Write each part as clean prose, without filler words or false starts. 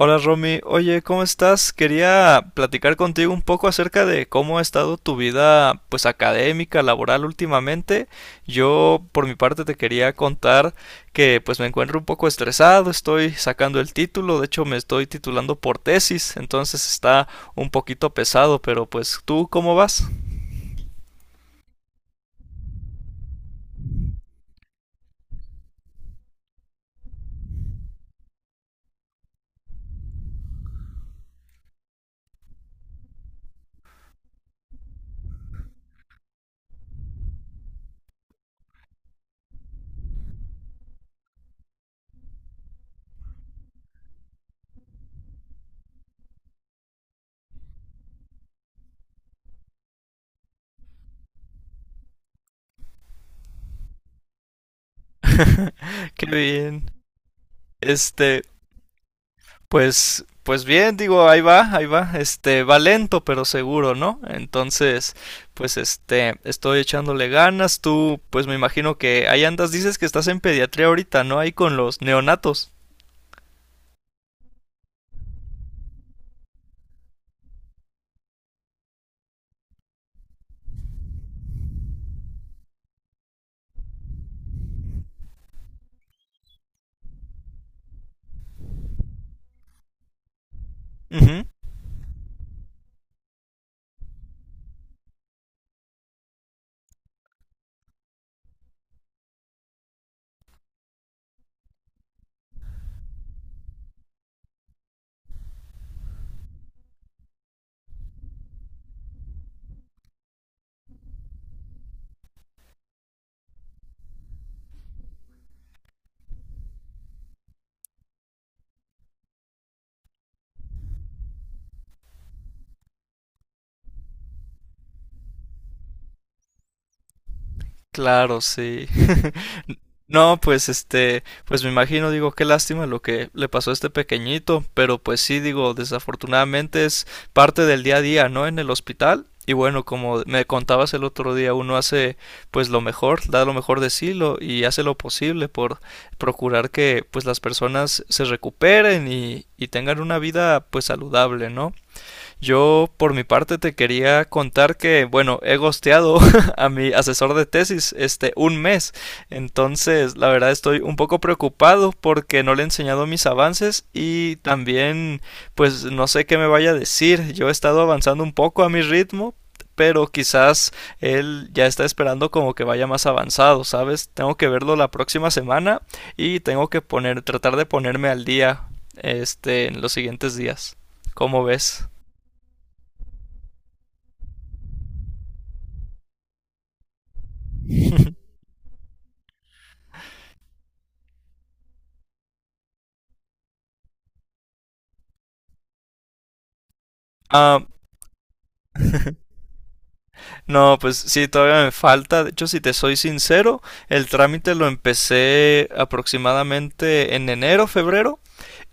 Hola Romy, oye, ¿cómo estás? Quería platicar contigo un poco acerca de cómo ha estado tu vida, pues académica, laboral últimamente. Yo, por mi parte, te quería contar que pues me encuentro un poco estresado, estoy sacando el título, de hecho me estoy titulando por tesis, entonces está un poquito pesado, pero pues tú, ¿cómo vas? Qué bien. Este, Pues, pues bien, digo, ahí va, va lento pero seguro, ¿no? Entonces, pues estoy echándole ganas, tú, pues me imagino que ahí andas, dices que estás en pediatría ahorita, ¿no? Ahí con los neonatos. Ujú. Claro, sí. No, pues pues me imagino, digo, qué lástima lo que le pasó a este pequeñito, pero pues sí, digo, desafortunadamente es parte del día a día, ¿no? En el hospital. Y bueno, como me contabas el otro día, uno hace pues lo mejor, da lo mejor de sí lo, y hace lo posible por procurar que pues las personas se recuperen y tengan una vida pues saludable, ¿no? Yo, por mi parte, te quería contar que, bueno, he gosteado a mi asesor de tesis este un mes. Entonces, la verdad estoy un poco preocupado porque no le he enseñado mis avances y también, pues, no sé qué me vaya a decir. Yo he estado avanzando un poco a mi ritmo, pero quizás él ya está esperando como que vaya más avanzado, ¿sabes? Tengo que verlo la próxima semana y tengo que poner, tratar de ponerme al día, en los siguientes días. ¿Cómo ves? Ah, no, pues sí, todavía me falta. De hecho, si te soy sincero, el trámite lo empecé aproximadamente en enero, febrero.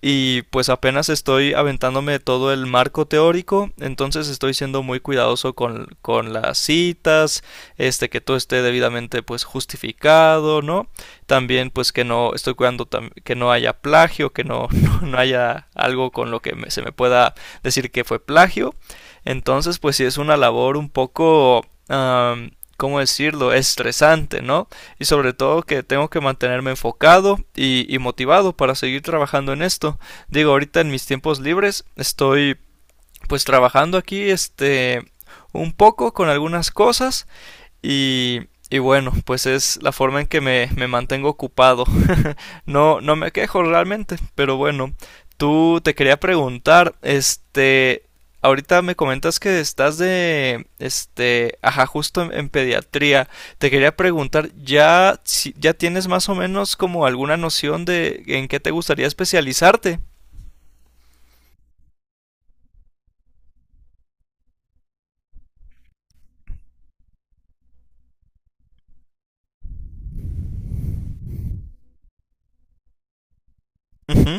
Y pues apenas estoy aventándome todo el marco teórico, entonces estoy siendo muy cuidadoso con las citas, que todo esté debidamente pues justificado, ¿no? También pues que no estoy cuidando que no haya plagio, que no, no, no haya algo con lo que me, se me pueda decir que fue plagio. Entonces pues sí es una labor un poco... ¿cómo decirlo? Estresante, ¿no? Y sobre todo que tengo que mantenerme enfocado y, motivado para seguir trabajando en esto. Digo, ahorita en mis tiempos libres estoy pues trabajando aquí un poco con algunas cosas y, y bueno, pues es la forma en que me mantengo ocupado. No, no me quejo realmente, pero bueno, tú te quería preguntar, ahorita me comentas que estás de, ajá, justo en pediatría. Te quería preguntar, ¿ya, ya tienes más o menos como alguna noción de en qué te gustaría especializarte? Ujú.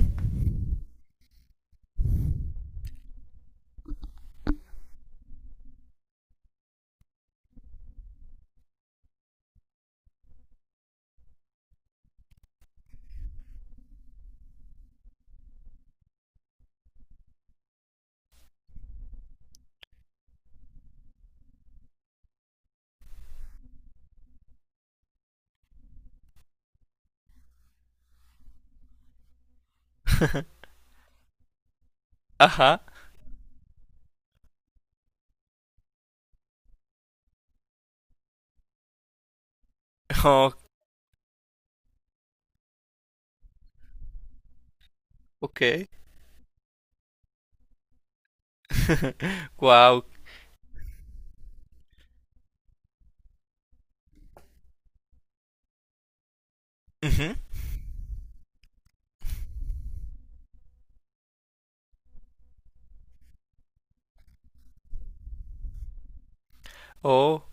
Ajá. Oh, ok. Wow. Oh.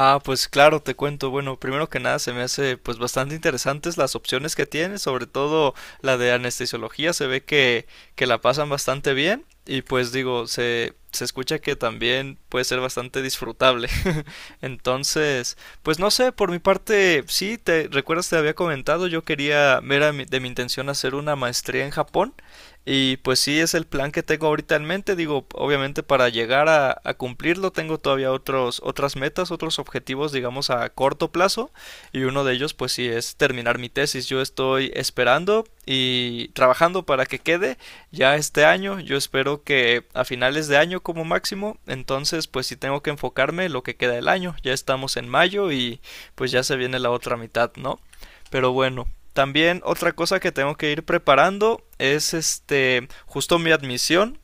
Ah, pues claro, te cuento. Bueno, primero que nada se me hace pues bastante interesantes las opciones que tiene, sobre todo la de anestesiología, se ve que la pasan bastante bien y pues digo, se escucha que también puede ser bastante disfrutable. Entonces, pues no sé, por mi parte, sí, te recuerdas, te había comentado, yo quería, era de mi intención hacer una maestría en Japón. Y pues sí, es el plan que tengo ahorita en mente. Digo, obviamente para llegar a cumplirlo tengo todavía otros, otras metas, otros objetivos, digamos, a corto plazo. Y uno de ellos, pues sí, es terminar mi tesis. Yo estoy esperando y trabajando para que quede ya este año. Yo espero que a finales de año como máximo. Entonces, pues sí tengo que enfocarme en lo que queda del año. Ya estamos en mayo y pues ya se viene la otra mitad, ¿no? Pero bueno, también otra cosa que tengo que ir preparando es justo mi admisión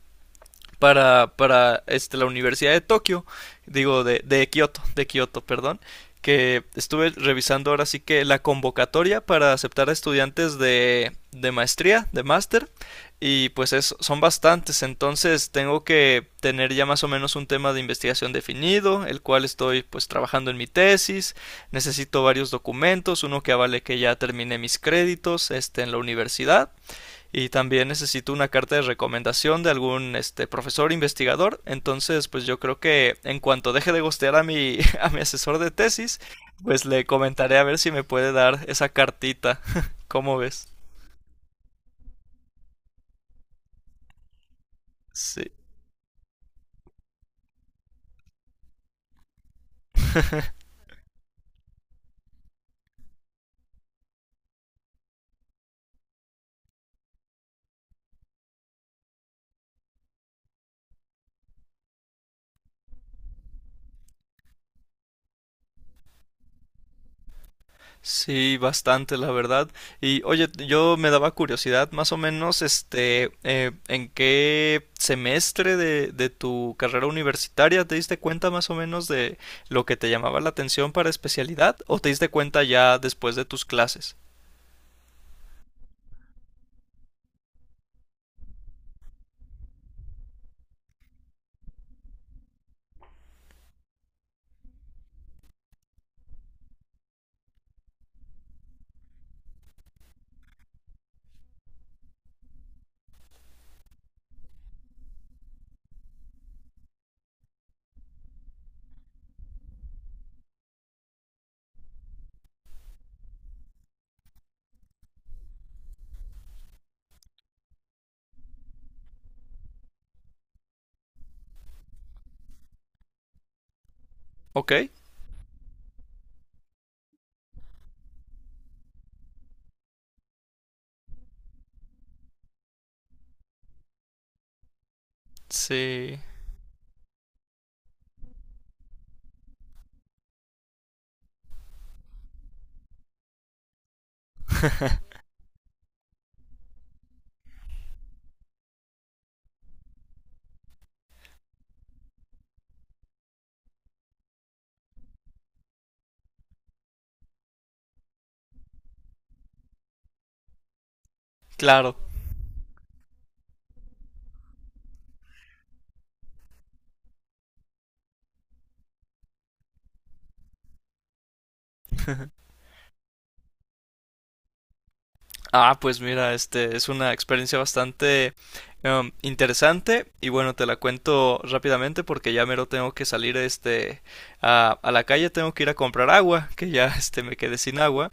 para la Universidad de Tokio, digo, de Kioto, perdón, que estuve revisando ahora sí que la convocatoria para aceptar a estudiantes de maestría, de máster, y pues es, son bastantes, entonces tengo que tener ya más o menos un tema de investigación definido, el cual estoy pues trabajando en mi tesis, necesito varios documentos, uno que avale que ya terminé mis créditos en la universidad, y también necesito una carta de recomendación de algún profesor investigador. Entonces, pues yo creo que en cuanto deje de gostear a mi, a mi asesor de tesis, pues le comentaré a ver si me puede dar esa cartita. ¿Cómo ves? Sí. Sí, bastante, la verdad. Y oye, yo me daba curiosidad, más o menos, ¿en qué semestre de tu carrera universitaria te diste cuenta más o menos de lo que te llamaba la atención para especialidad? ¿O te diste cuenta ya después de tus clases? ¿Ok? Sí, claro. Ah, pues mira, este es una experiencia bastante interesante y bueno, te la cuento rápidamente porque ya mero tengo que salir a la calle, tengo que ir a comprar agua, que ya me quedé sin agua.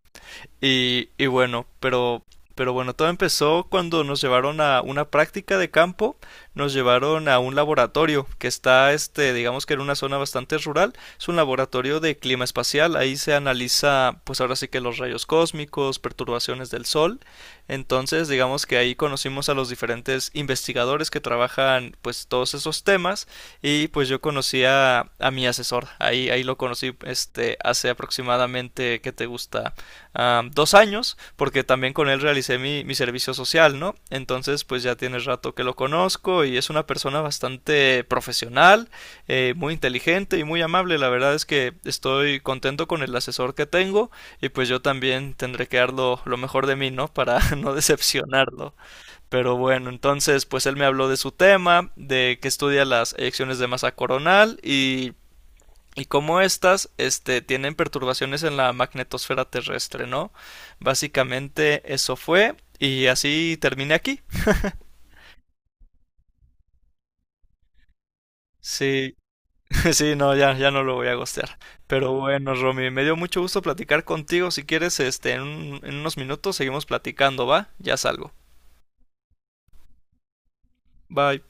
Y bueno, pero bueno, todo empezó cuando nos llevaron a una práctica de campo, nos llevaron a un laboratorio que está, digamos que en una zona bastante rural, es un laboratorio de clima espacial, ahí se analiza, pues ahora sí que los rayos cósmicos, perturbaciones del sol, entonces digamos que ahí conocimos a los diferentes investigadores que trabajan, pues todos esos temas, y pues yo conocí a mi asesor, ahí, ahí lo conocí, hace aproximadamente, ¿qué te gusta? Dos años, porque también con él realicé mi, mi servicio social, ¿no? Entonces, pues ya tiene rato que lo conozco y es una persona bastante profesional, muy inteligente y muy amable. La verdad es que estoy contento con el asesor que tengo y pues yo también tendré que dar lo mejor de mí, ¿no? Para no decepcionarlo. Pero bueno, entonces, pues él me habló de su tema, de que estudia las elecciones de masa coronal y cómo estas tienen perturbaciones en la magnetosfera terrestre, ¿no? Básicamente eso fue y así terminé aquí. Sí, sí, no, ya, ya no lo voy a gostear. Pero bueno, Romy, me dio mucho gusto platicar contigo. Si quieres, en, en unos minutos seguimos platicando, ¿va? Ya salgo. Bye.